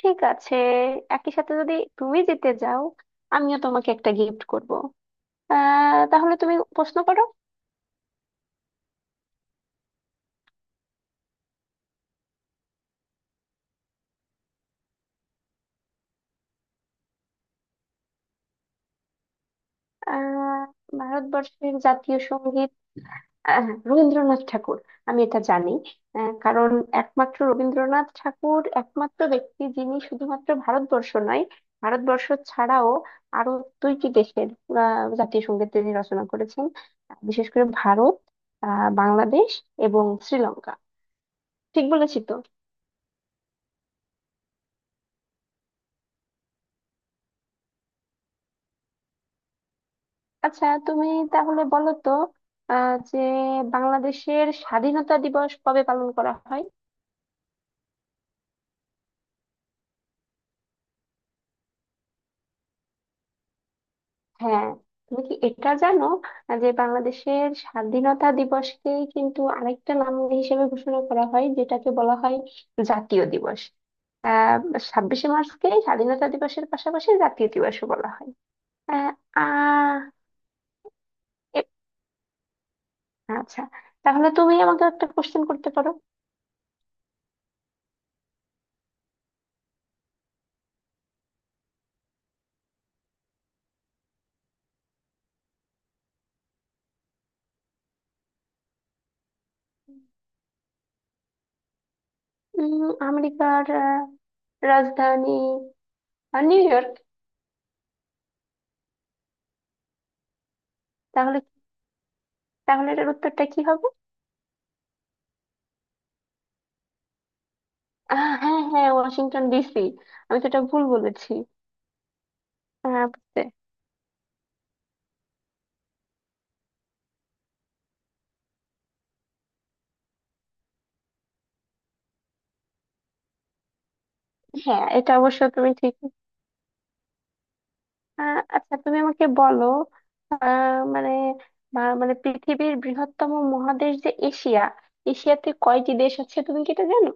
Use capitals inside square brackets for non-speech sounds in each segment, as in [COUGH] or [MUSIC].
ঠিক আছে। একই সাথে যদি তুমি জিতে যাও, আমিও তোমাকে একটা গিফট করব। তাহলে তুমি প্রশ্ন করো। আহ ভারতবর্ষের জাতীয় সঙ্গীত হ্যাঁ, রবীন্দ্রনাথ ঠাকুর। আমি এটা জানি। কারণ একমাত্র রবীন্দ্রনাথ ঠাকুর একমাত্র ব্যক্তি, যিনি শুধুমাত্র ভারতবর্ষ নয়, ভারতবর্ষ ছাড়াও আরো দুইটি দেশের জাতীয় সঙ্গীত তিনি রচনা করেছেন। বিশেষ করে ভারত, বাংলাদেশ এবং শ্রীলঙ্কা। ঠিক বলেছি তো? আচ্ছা, তাহলে বলো তো, যে বাংলাদেশের স্বাধীনতা দিবস কবে পালন করা হয়? হ্যাঁ, তুমি কি এটা জানো যে বাংলাদেশের স্বাধীনতা দিবসকে কিন্তু আরেকটা নাম হিসেবে ঘোষণা করা হয়, যেটাকে বলা হয় জাতীয় দিবস। আহ 26শে মার্চকে স্বাধীনতা দিবসের পাশাপাশি জাতীয় দিবসও বলা হয়। আহ আহ, এ- আচ্ছা, তাহলে তুমি আমাকে একটা কোশ্চেন করতে পারো। উম, আমেরিকার রাজধানী নিউ ইয়র্ক। তাহলে তাহলে এটার উত্তরটা কি হবে? হ্যাঁ, হ্যাঁ, ওয়াশিংটন ডিসি। আমি তো এটা ভুল বলেছি। বুঝতে। হ্যাঁ, এটা অবশ্য তুমি ঠিক। আচ্ছা, তুমি আমাকে বলো, আহ, মানে বা- মানে পৃথিবীর বৃহত্তম মহাদেশ যে এশিয়া, এশিয়াতে কয়টি দেশ আছে তুমি কি এটা জানো?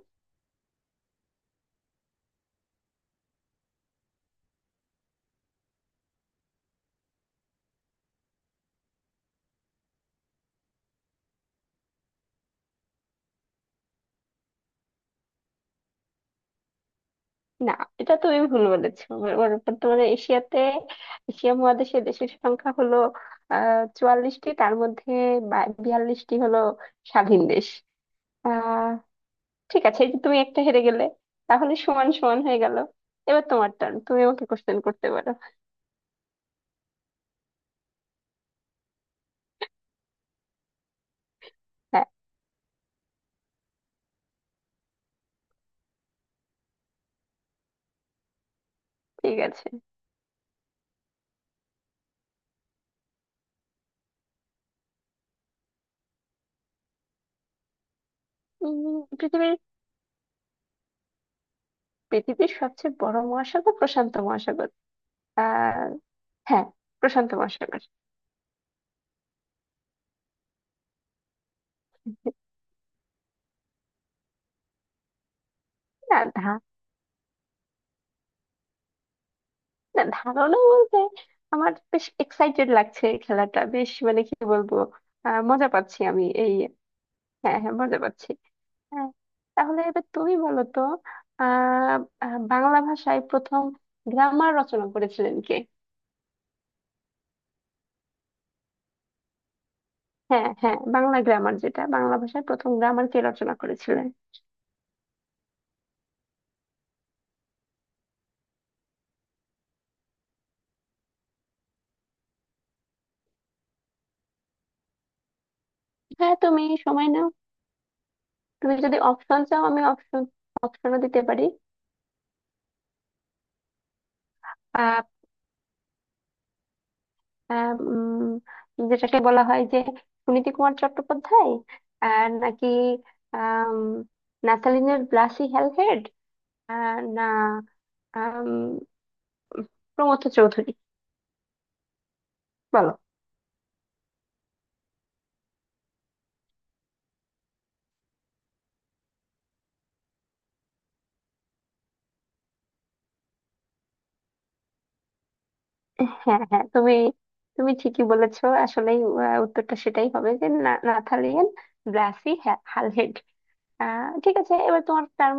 না, এটা তুমি ভুল বলেছো। বর্তমানে এশিয়া মহাদেশে দেশের সংখ্যা হলো 44টি। তার মধ্যে 42টি হলো স্বাধীন দেশ। আহ ঠিক আছে, এই যে তুমি একটা হেরে গেলে, তাহলে সমান সমান হয়ে গেল। এবার তোমার টার্ন, তুমি আমাকে কোশ্চেন করতে পারো। হ্যাঁ। ঠিক আছে। উম, পৃথিবীর পৃথিবীর সবচেয়ে বড় মহাসাগর প্রশান্ত মহাসাগর। আহ হ্যাঁ, প্রশান্ত মহাসাগর। না ধা না, ধারণা বলতে আমার বেশ এক্সাইটেড লাগছে। এই খেলাটা বেশ, মানে কি বলবো, মজা পাচ্ছি আমি এই। হ্যাঁ, হ্যাঁ, মজা পাচ্ছি। হ্যাঁ, তাহলে এবার তুমি বলো তো, আহ আহ, বাংলা ভাষায় প্রথম গ্রামার রচনা করেছিলেন কে? হ্যাঁ, হ্যাঁ, বাংলা গ্রামার, যেটা বাংলা ভাষার প্রথম গ্রামার কে রচনা করেছিলেন? হ্যাঁ, তুমি সময় নাও। তুমি যদি অপশন চাও, আমি অপশনও দিতে পারি। আহ, আহ, উম, যেটাকে বলা হয় যে সুনীতি কুমার চট্টোপাধ্যায়, আর নাকি আম, নাথালিনের ব্লাসি হ্যালহেড, আহ, না আম, প্রমথ চৌধুরী। বলো। হ্যাঁ, হ্যাঁ, তুমি তুমি ঠিকই বলেছো আসলেই। উত্তরটা সেটাই হবে, যে নাথালিন ব্লাসি হ্যালহেড। ঠিক আছে, এবার তোমার টার্ম,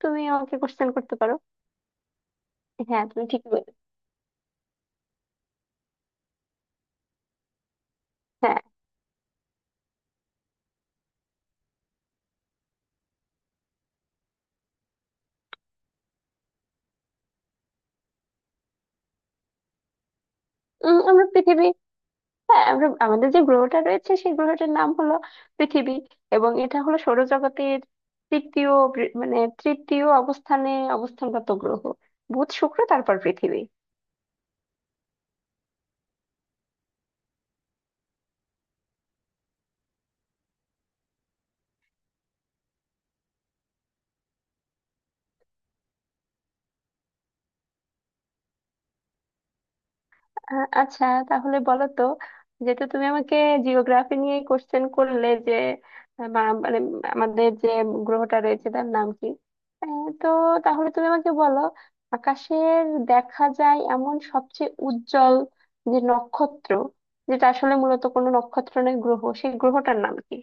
তুমি আমাকে কোশ্চেন করতে পারো। হ্যাঁ, তুমি ঠিক বলে। হ্যাঁ। আমরা পৃথিবী। হ্যাঁ, আমরা আমাদের যে গ্রহটা রয়েছে সেই গ্রহটার নাম হলো পৃথিবী, এবং এটা হলো সৌরজগতের তৃতীয়, বৃ- মানে তৃতীয় অবস্থানে অবস্থানগত গ্রহ। বুধ, শুক্র, তারপর পৃথিবী। আ- আচ্ছা, তাহলে বলো তো, যেহেতু তুমি আমাকে জিওগ্রাফি নিয়ে কোশ্চেন করলে যে আহ, বা- মানে আমাদের যে গ্রহটা রয়েছে তার নাম কি, আহ, তো তাহলে তুমি আমাকে বলো, আকাশের দেখা যায় এমন সবচেয়ে উজ্জ্বল যে নক্ষত্র, যেটা আসলে মূলত কোনো নক্ষত্র নয়, গ্রহ, সেই গ্রহটার নাম কি?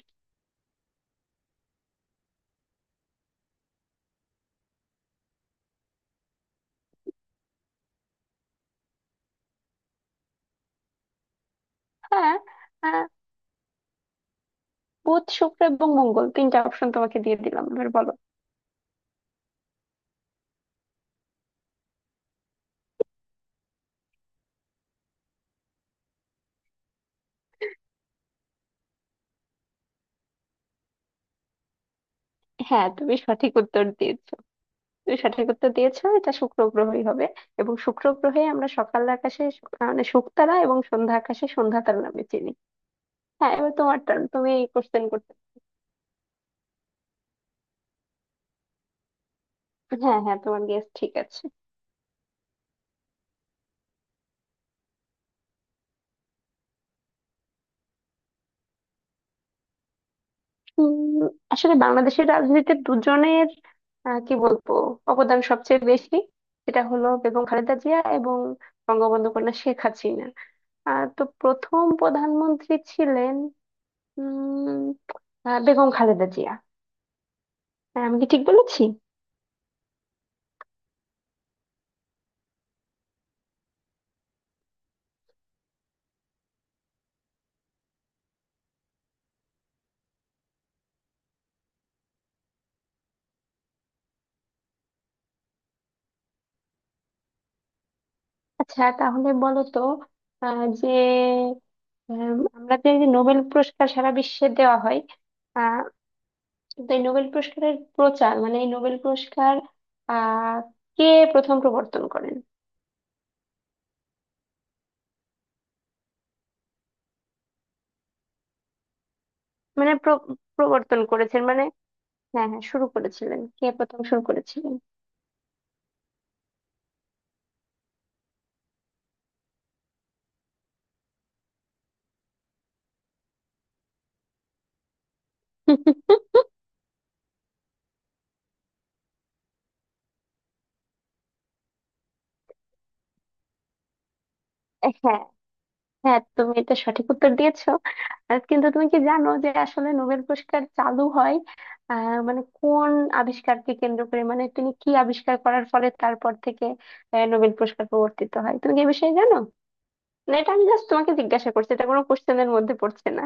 হ্যাঁ, আহ, বুধ, শুক্র এবং মঙ্গল, তিনটা অপশন তোমাকে দিয়ে দিলাম, এবার বলো। হ্যাঁ, তুমি সঠিক উত্তর দিয়েছো। সঠিক উত্তর দিয়েছো, এটা শুক্র গ্রহই হবে। এবং শুক্র গ্রহে আমরা সকাল আকাশে শু- মানে শুকতারা এবং সন্ধ্যা আকাশে সন্ধ্যা তারা নামে চিনি। হ্যাঁ, এবার তোমার টার্ন, তুমি কোশ্চেন করতে। হ্যাঁ, হ্যাঁ, তোমার গেস ঠিক আছে। উম, আসলে বাংলাদেশের রাজনীতিতে দুজনের আহ, কি বলবো অবদান সবচেয়ে বেশি। সেটা হলো বেগম খালেদা জিয়া এবং বঙ্গবন্ধু কন্যা শেখ হাসিনা। তো প্রথম প্রধানমন্ত্রী ছিলেন উম বেগম খালেদা জিয়া। হ্যাঁ, আমি কি ঠিক বলেছি? আচ্ছা, তাহলে বলো তো, আহ, যে আমরা যে এই নোবেল পুরস্কার সারা বিশ্বে দেওয়া হয়, আহ, তো এই নোবেল পুরস্কারের প্রচার, মানে এই নোবেল পুরস্কার আহ কে প্রথম প্রবর্তন করেন? মানে প্রবর্তন করেছেন মানে, হ্যাঁ, হ্যাঁ, শুরু করেছিলেন, কে প্রথম শুরু করেছিলেন। [LAUGHS] হ্যাঁ, হ্যাঁ, তুমি এটা সঠিক উত্তর দিয়েছো। আর কিন্তু তুমি কি জানো যে আসলে নোবেল পুরস্কার চালু হয় মানে কোন আবিষ্কারকে কেন্দ্র করে, মানে তিনি কি আবিষ্কার করার ফলে তারপর থেকে নোবেল পুরস্কার প্রবর্তিত হয়, তুমি কি এই বিষয়ে জানো? না, এটা আমি জাস্ট তোমাকে জিজ্ঞাসা করছি, এটা কোনো কোশ্চেনের মধ্যে পড়ছে না।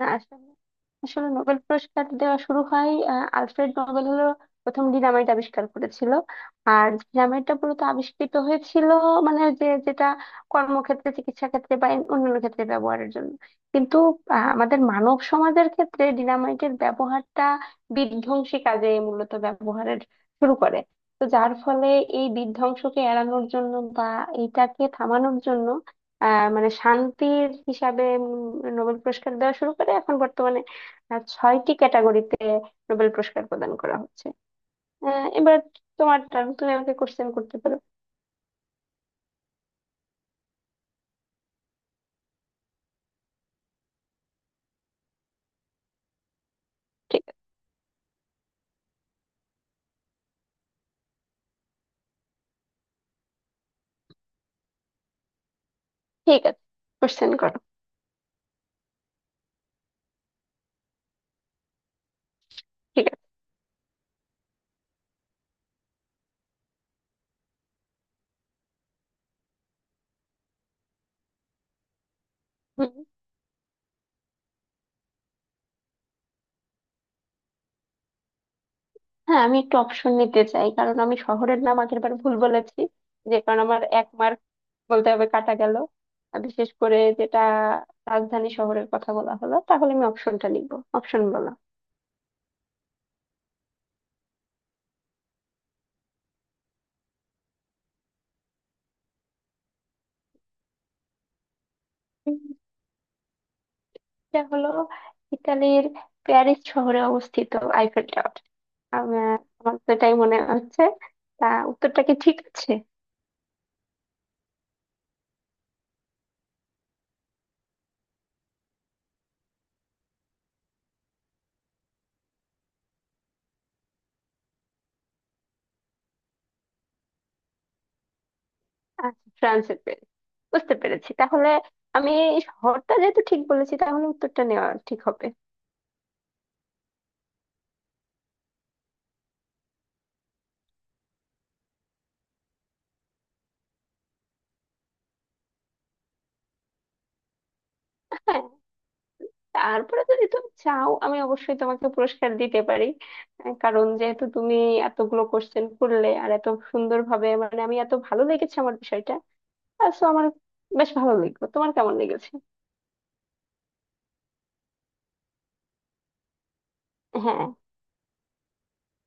না, আসলে, আসলে নোবেল পুরস্কার দেওয়া শুরু হয়, আলফ্রেড নোবেল হলো প্রথম ডিনামাইট আবিষ্কার করেছিল। আর ডিনামাইটটা মূলত আবিষ্কৃত হয়েছিল মানে যেটা কর্মক্ষেত্রে, চিকিৎসা ক্ষেত্রে বা অন্যান্য ক্ষেত্রে ব্যবহারের জন্য, কিন্তু আমাদের মানব সমাজের ক্ষেত্রে ডিনামাইটের ব্যবহারটা বিধ্বংসী কাজে মূলত ব্যবহারের শুরু করে। তো যার ফলে এই বিধ্বংসকে এড়ানোর জন্য বা এইটাকে থামানোর জন্য মানে শান্তির হিসাবে নোবেল পুরস্কার দেওয়া শুরু করে। এখন বর্তমানে ছয়টি ক্যাটাগরিতে নোবেল পুরস্কার প্রদান করা হচ্ছে। এবার তোমার টার্ন, তুমি আমাকে কোশ্চেন করতে পারো। ঠিক আছে। ঠিক আছে, কোশ্চেন করো। ঠিক আছে। হুম। হ্যাঁ, আমি একটু অপশন নিতে চাই, কারণ আমি শহরের নাম আগের বার ভুল বলেছি, যে কারণ আমার এক মার্ক, বলতে হবে, কাটা গেল। আর বিশেষ করে যেটা রাজধানী শহরের কথা বলা হলো, তাহলে আমি অপশনটা লিখবো, অপশন বলো। এটা হলো ইতালির প্যারিস শহরে অবস্থিত আইফেল টাওয়ার। আমার আমার তো এটাই মনে হচ্ছে। তা উত্তরটা কি ঠিক আছে? আচ্ছা, ফ্রান্সের প্যারিস। বুঝতে পেরেছি তাহলে। আমি এই শহরটা যেহেতু ঠিক বলেছি, তাহলে উত্তরটা নেওয়া ঠিক হবে। হ্যাঁ, তারপরে যদি তুমি চাও, আমি অবশ্যই তোমাকে পুরস্কার দিতে পারি। কারণ যেহেতু তুমি এতগুলো কোশ্চেন করলে আর এত সুন্দরভাবে, মানে আমি এত ভালো লেগেছে আমার বিষয়টা। সো আমার বেশ ভালো লাগলো। তোমার কেমন লেগেছে? হ্যাঁ।